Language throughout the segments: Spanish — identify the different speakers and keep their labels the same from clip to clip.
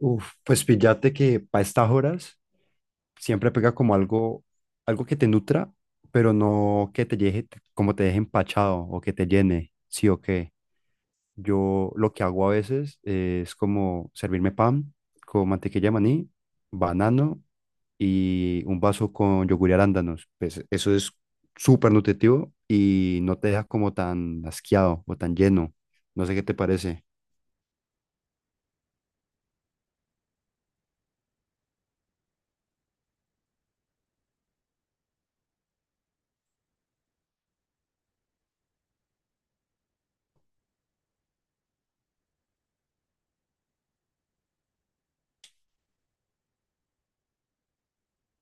Speaker 1: Uf, pues píllate que para estas horas siempre pega como algo, algo que te nutra, pero no que te deje, como te deje empachado o que te llene, sí o qué. Yo lo que hago a veces es como servirme pan con mantequilla de maní, banano y un vaso con yogur y arándanos. Pues eso es súper nutritivo y no te deja como tan asqueado o tan lleno. No sé qué te parece.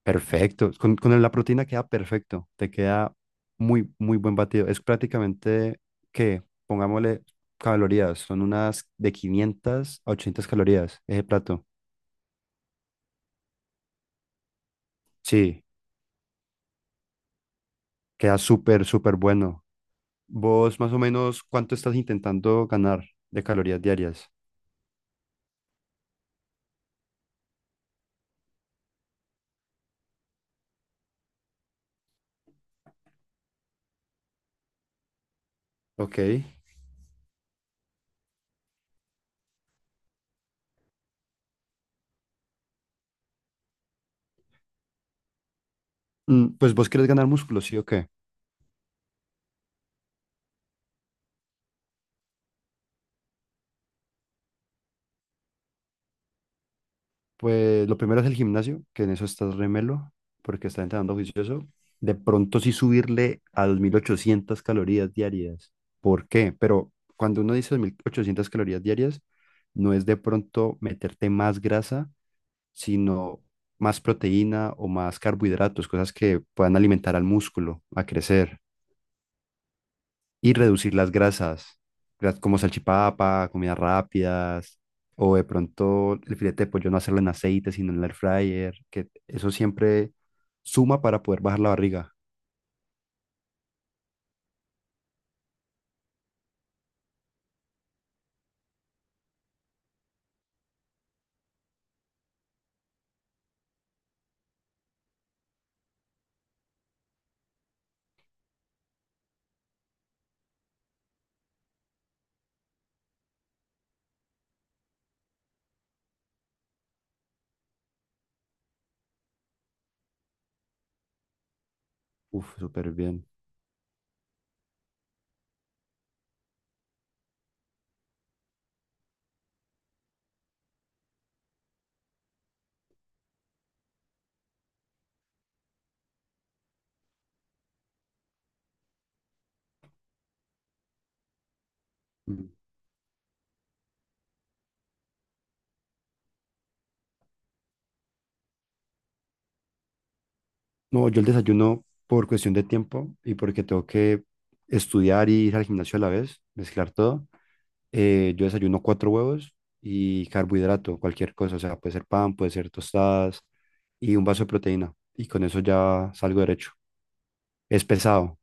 Speaker 1: Perfecto. Con la proteína queda perfecto. Te queda muy, muy buen batido. Es prácticamente que, pongámosle calorías, son unas de 500 a 800 calorías ese plato. Sí, queda súper, súper bueno. ¿Vos más o menos cuánto estás intentando ganar de calorías diarias? Ok. Pues vos querés ganar músculo, ¿sí o qué? Pues lo primero es el gimnasio, que en eso estás remelo, porque estás entrenando juicioso. De pronto sí subirle a 2800 calorías diarias. ¿Por qué? Pero cuando uno dice 2800 calorías diarias, no es de pronto meterte más grasa, sino más proteína o más carbohidratos, cosas que puedan alimentar al músculo a crecer y reducir las grasas, gra- como salchipapa, comidas rápidas, o de pronto el filete de pollo no hacerlo en aceite, sino en el air fryer, que eso siempre suma para poder bajar la barriga. Uf, súper bien. Mm. No, yo el desayuno por cuestión de tiempo y porque tengo que estudiar y ir al gimnasio a la vez, mezclar todo. Yo desayuno cuatro huevos y carbohidrato, cualquier cosa, o sea, puede ser pan, puede ser tostadas y un vaso de proteína. Y con eso ya salgo derecho. Es pesado.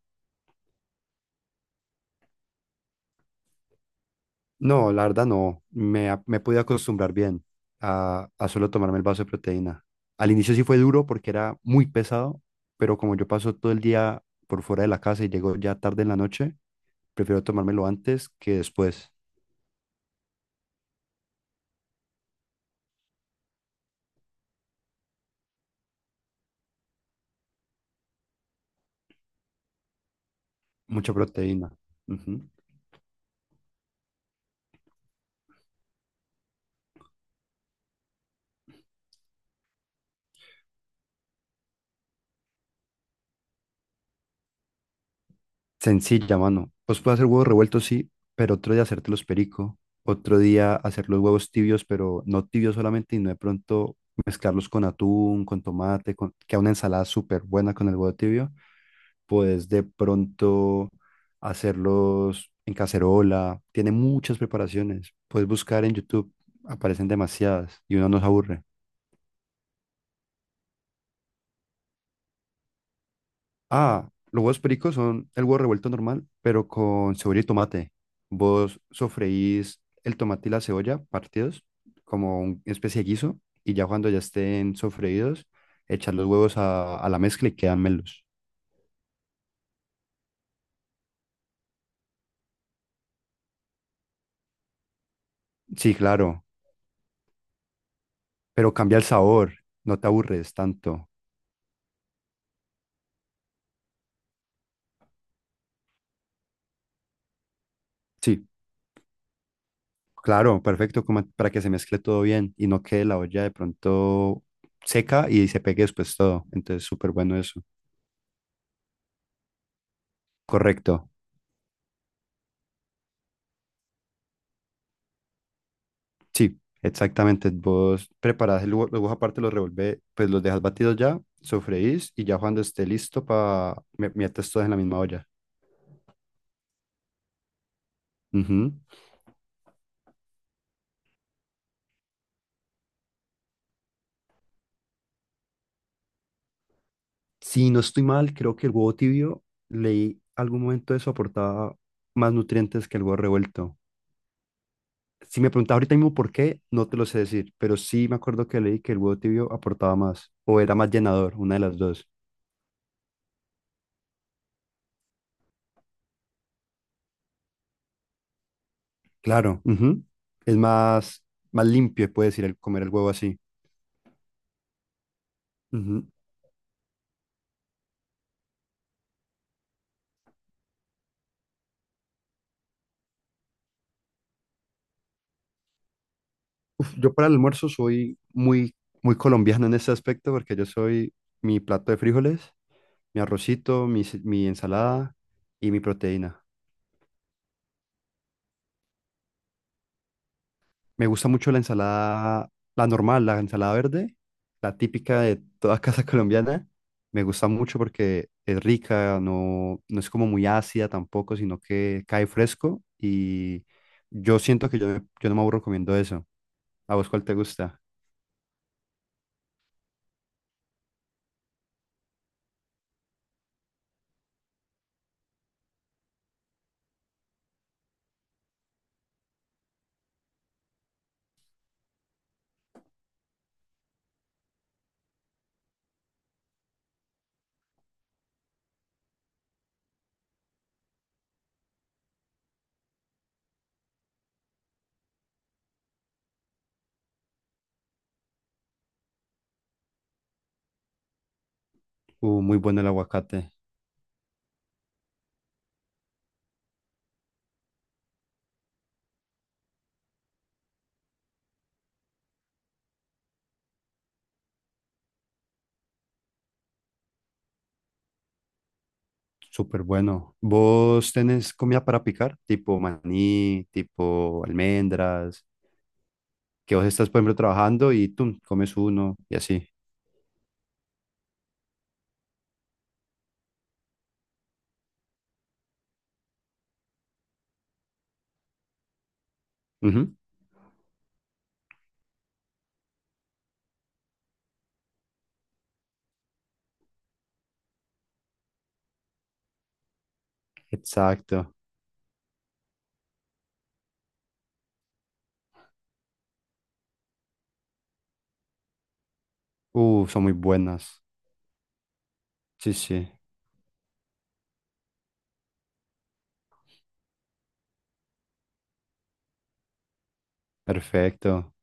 Speaker 1: No, la verdad no. Me pude acostumbrar bien a solo tomarme el vaso de proteína. Al inicio sí fue duro porque era muy pesado, pero como yo paso todo el día por fuera de la casa y llego ya tarde en la noche, prefiero tomármelo antes que después. Mucha proteína. Ujú. Sencilla, mano. Pues puedo hacer huevos revueltos, sí, pero otro día hacértelos perico. Otro día hacer los huevos tibios, pero no tibios solamente, y no de pronto mezclarlos con atún, con tomate, con queda una ensalada súper buena con el huevo tibio. Puedes de pronto hacerlos en cacerola. Tiene muchas preparaciones. Puedes buscar en YouTube, aparecen demasiadas y uno no se aburre. Ah, los huevos pericos son el huevo revuelto normal, pero con cebolla y tomate. Vos sofreís el tomate y la cebolla partidos como una especie de guiso y ya cuando ya estén sofreídos, echar los huevos a la mezcla y quedan melos. Sí, claro, pero cambia el sabor, no te aburres tanto. Sí, claro, perfecto, como para que se mezcle todo bien y no quede la olla de pronto seca y se pegue después todo. Entonces, súper bueno eso. Correcto. Sí, exactamente. Vos preparás, el los huevos aparte los revolvés, pues los dejas batidos ya, sofreís y ya cuando esté listo para metes todos en la misma olla. Ujú. Si no estoy mal, creo que el huevo tibio, leí algún momento eso aportaba más nutrientes que el huevo revuelto. Si me preguntas ahorita mismo por qué, no te lo sé decir, pero sí me acuerdo que leí que el huevo tibio aportaba más o era más llenador, una de las dos. Claro, ujú. Es más, más limpio, puedes decir, el comer el huevo así. Ujú. Yo para el almuerzo soy muy, muy colombiano en ese aspecto porque yo soy mi plato de frijoles, mi arrocito, mi ensalada y mi proteína. Me gusta mucho la ensalada, la normal, la ensalada verde, la típica de toda casa colombiana. Me gusta mucho porque es rica, no, no es como muy ácida tampoco, sino que cae fresco y yo siento que yo no me aburro comiendo eso. ¿A vos cuál te gusta? Muy bueno el aguacate. Súper bueno. ¿Vos tenés comida para picar? Tipo maní, tipo almendras, que vos estás, por ejemplo, trabajando y tú comes uno y así. Ujú. Exacto. Son muy buenas. Sí, sí. Perfecto.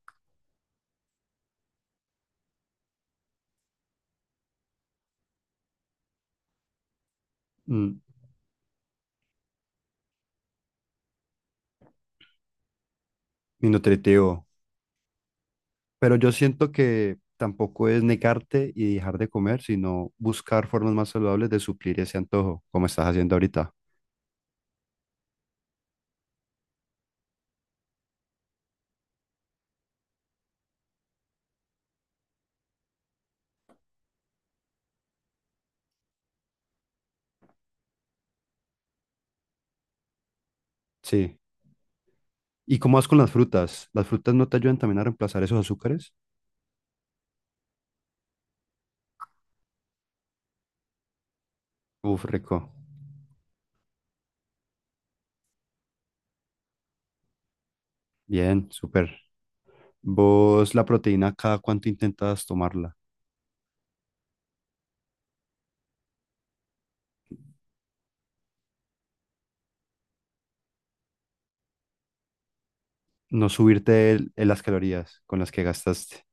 Speaker 1: Mm, y nutritivo. Pero yo siento que tampoco es negarte y dejar de comer, sino buscar formas más saludables de suplir ese antojo, como estás haciendo ahorita. Sí. ¿Y cómo vas con las frutas? ¿Las frutas no te ayudan también a reemplazar esos azúcares? Uf, rico. Bien, súper. ¿Vos la proteína cada cuánto intentas tomarla? No subirte el- en las calorías con las que gastaste.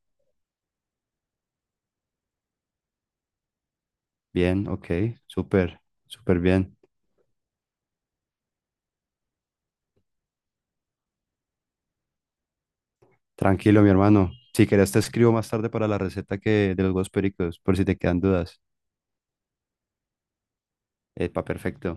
Speaker 1: Bien, ok, súper, súper bien. Tranquilo, mi hermano. Si querés te escribo más tarde para la receta que de los huevos pericos, por si te quedan dudas. Epa, perfecto.